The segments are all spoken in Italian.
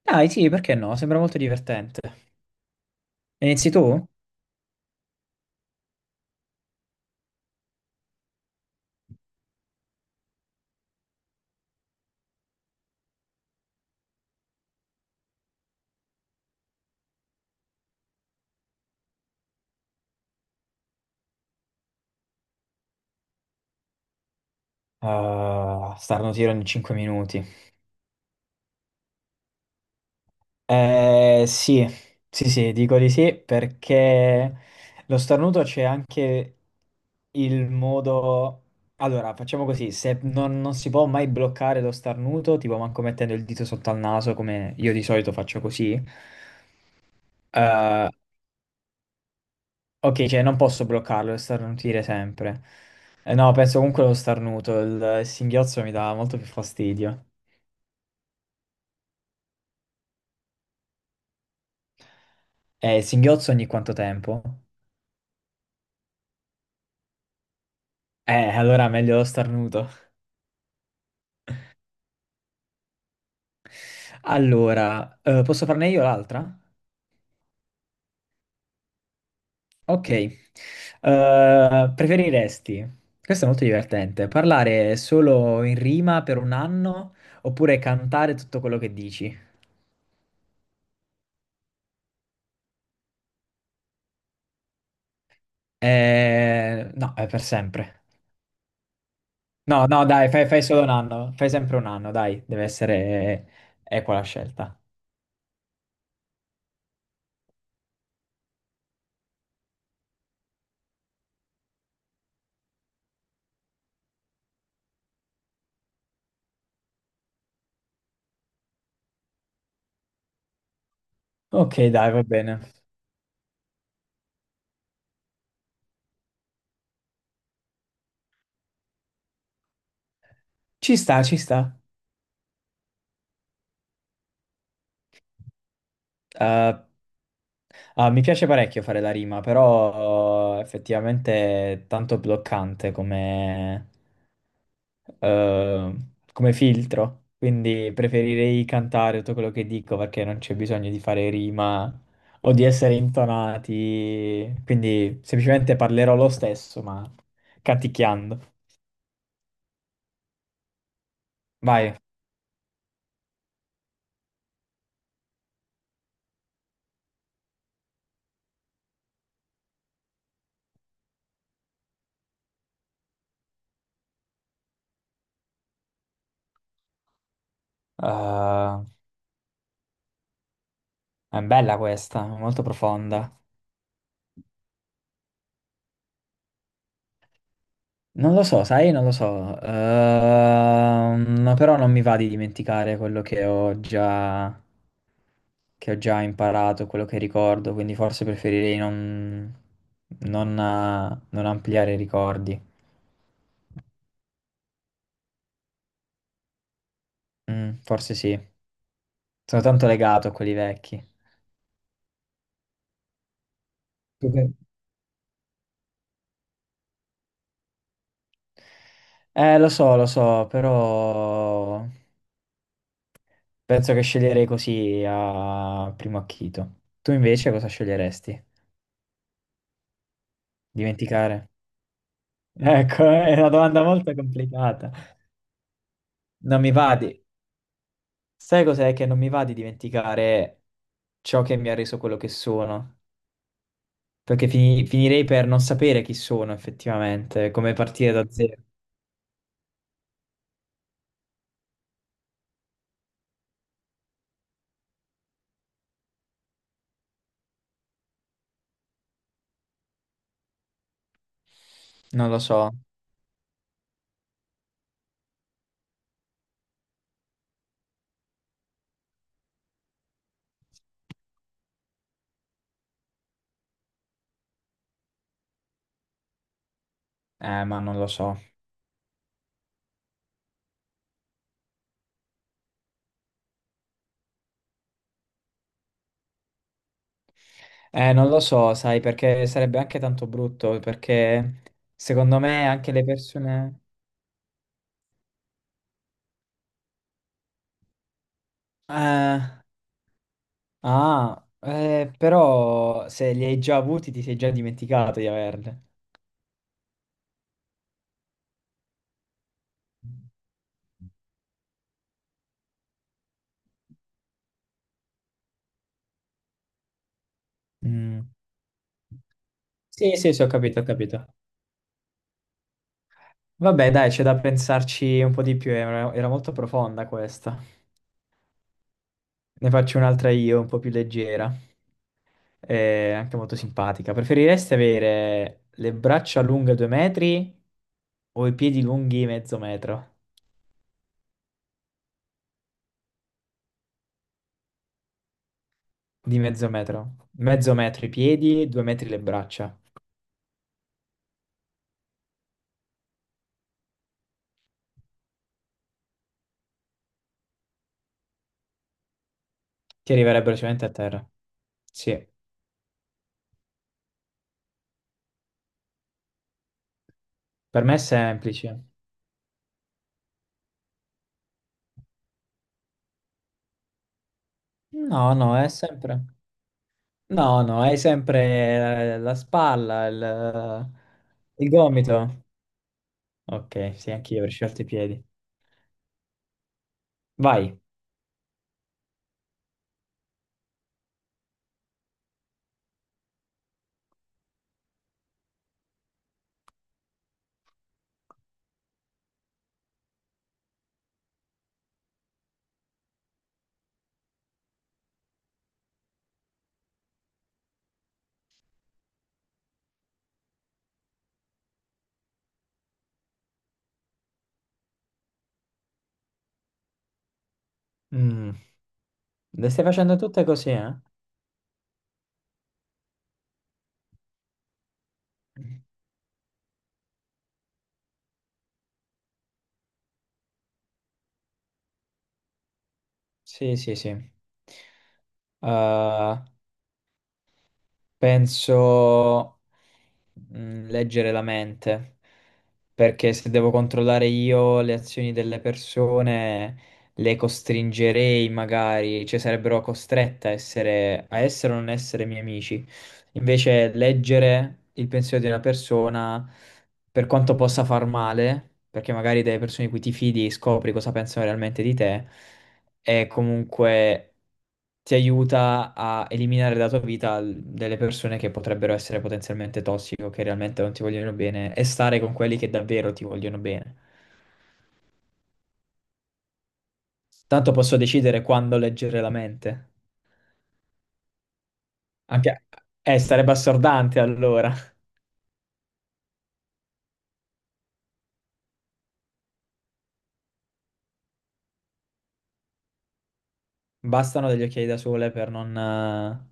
Dai, sì, perché no? Sembra molto divertente. Inizi tu? Ah, starno tiro in 5 minuti. Sì, sì, sì, dico di sì perché lo starnuto c'è anche il modo... Allora, facciamo così, se non si può mai bloccare lo starnuto, tipo manco mettendo il dito sotto al naso, come io di solito faccio così, eh, Ok, cioè non posso bloccarlo e starnutire sempre. No, penso comunque lo starnuto, il singhiozzo mi dà molto più fastidio. Il singhiozzo ogni quanto tempo? Allora meglio lo starnuto. Allora, posso farne io l'altra? Ok. Preferiresti, questo è molto divertente, parlare solo in rima per un anno oppure cantare tutto quello che dici? No, è per sempre. No, no, dai, fai solo un anno, fai sempre un anno, dai, deve essere equa la scelta. Ok, dai, va bene. Ci sta, ci sta. Eh, Mi piace parecchio fare la rima, però effettivamente è tanto bloccante come, eh, come filtro, quindi preferirei cantare tutto quello che dico perché non c'è bisogno di fare rima o di essere intonati, quindi semplicemente parlerò lo stesso, ma canticchiando. Vai. Ah, è bella questa, molto profonda. Non lo so, sai, non lo so. Però non mi va di dimenticare quello che ho già imparato, quello che ricordo, quindi forse preferirei non ampliare i ricordi. Forse sì. Sono tanto legato a quelli vecchi. Dove- lo so, però... Penso che sceglierei così a primo acchito. Tu invece cosa sceglieresti? Dimenticare? Ecco, è una domanda molto complicata. Non mi va di... Sai cos'è che non mi va di dimenticare ciò che mi ha reso quello che sono? Perché finirei per non sapere chi sono effettivamente, come partire da zero. Non lo so. Ma non lo so. Non lo so, sai, perché sarebbe anche tanto brutto, perché secondo me anche le persone... Eh, Però se li hai già avuti ti sei già dimenticato di averle. Mm. Sì, sì, sì, ho capito, ho capito. Vabbè, dai, c'è da pensarci un po' di più, era molto profonda questa. Ne faccio un'altra io, un po' più leggera e anche molto simpatica. Preferiresti avere le braccia lunghe due metri o i piedi lunghi mezzo metro? Di mezzo metro. Mezzo metro i piedi, due metri le braccia. Ti arriverebbero sicuramente a terra. Sì, per me è semplice. No, no, è sempre... No, no, hai sempre la spalla, il gomito. Ok, sì, anch'io avrei scelto i piedi. Vai. Mm, Le stai facendo tutte così, eh? Sì, sì, sì. Uh, Penso. Leggere la mente, perché se devo controllare io le azioni delle persone, le costringerei magari, cioè sarebbero costrette a essere o non essere miei amici. Invece leggere il pensiero di una persona, per quanto possa far male, perché magari delle persone di cui ti fidi scopri cosa pensano realmente di te, è comunque ti aiuta a eliminare dalla tua vita delle persone che potrebbero essere potenzialmente tossiche o che realmente non ti vogliono bene e stare con quelli che davvero ti vogliono bene. Tanto posso decidere quando leggere la mente. Anche... sarebbe assordante allora. Bastano degli occhiali da sole per non, eh,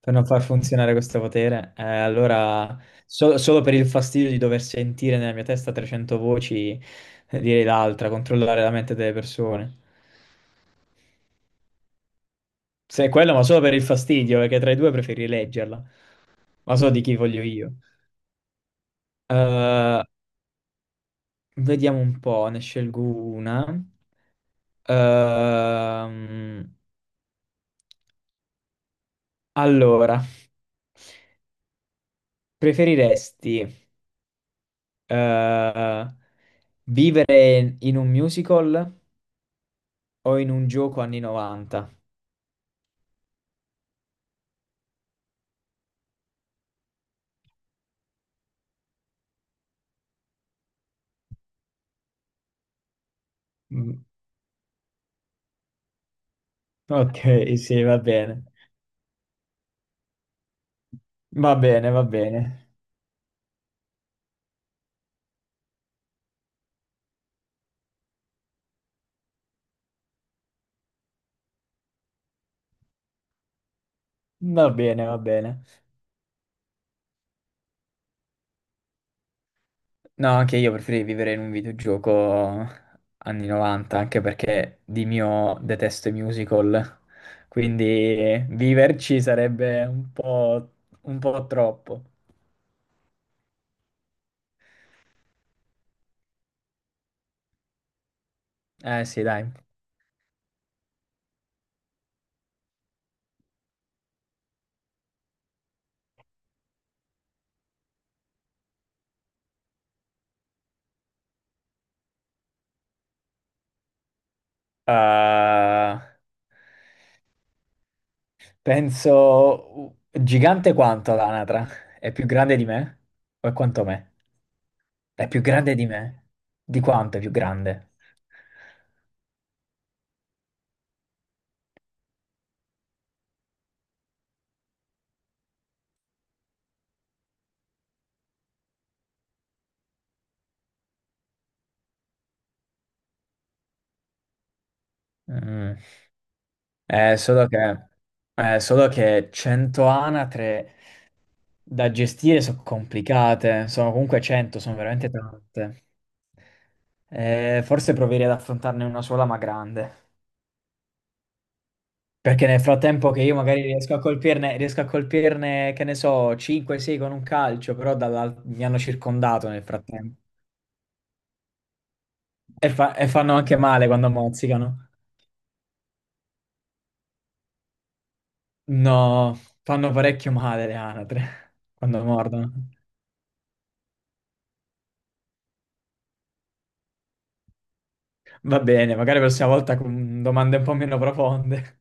per non far funzionare questo potere. Allora, solo per il fastidio di dover sentire nella mia testa 300 voci, direi l'altra, controllare la mente delle persone. Se è quello, ma solo per il fastidio, perché tra i due preferi leggerla. Ma so di chi voglio io. Eh, Vediamo un po', ne scelgo una. Ehm, allora, preferiresti eh, vivere in un musical o in un gioco anni 90? Mm, Ok, sì, va bene. Va bene, va bene. Va bene, va bene. No, anche io preferirei vivere in un videogioco anni 90, anche perché di mio detesto i musical, quindi viverci sarebbe un po' troppo. Eh sì, dai. Eh, Penso gigante quanto l'anatra? È più grande di me? O è quanto me? È più grande di me? Di quanto è più grande? Mm. Eh, solo che, solo che 100 anatre da gestire sono complicate, sono comunque 100, sono veramente tante. Forse proverei ad affrontarne una sola, ma grande. Perché nel frattempo che io magari riesco a colpirne, che ne so, 5-6 con un calcio, però mi hanno circondato nel frattempo. E fanno anche male quando mozzicano. No, fanno parecchio male le anatre quando mordono. Va bene, magari la prossima volta con domande un po' meno profonde.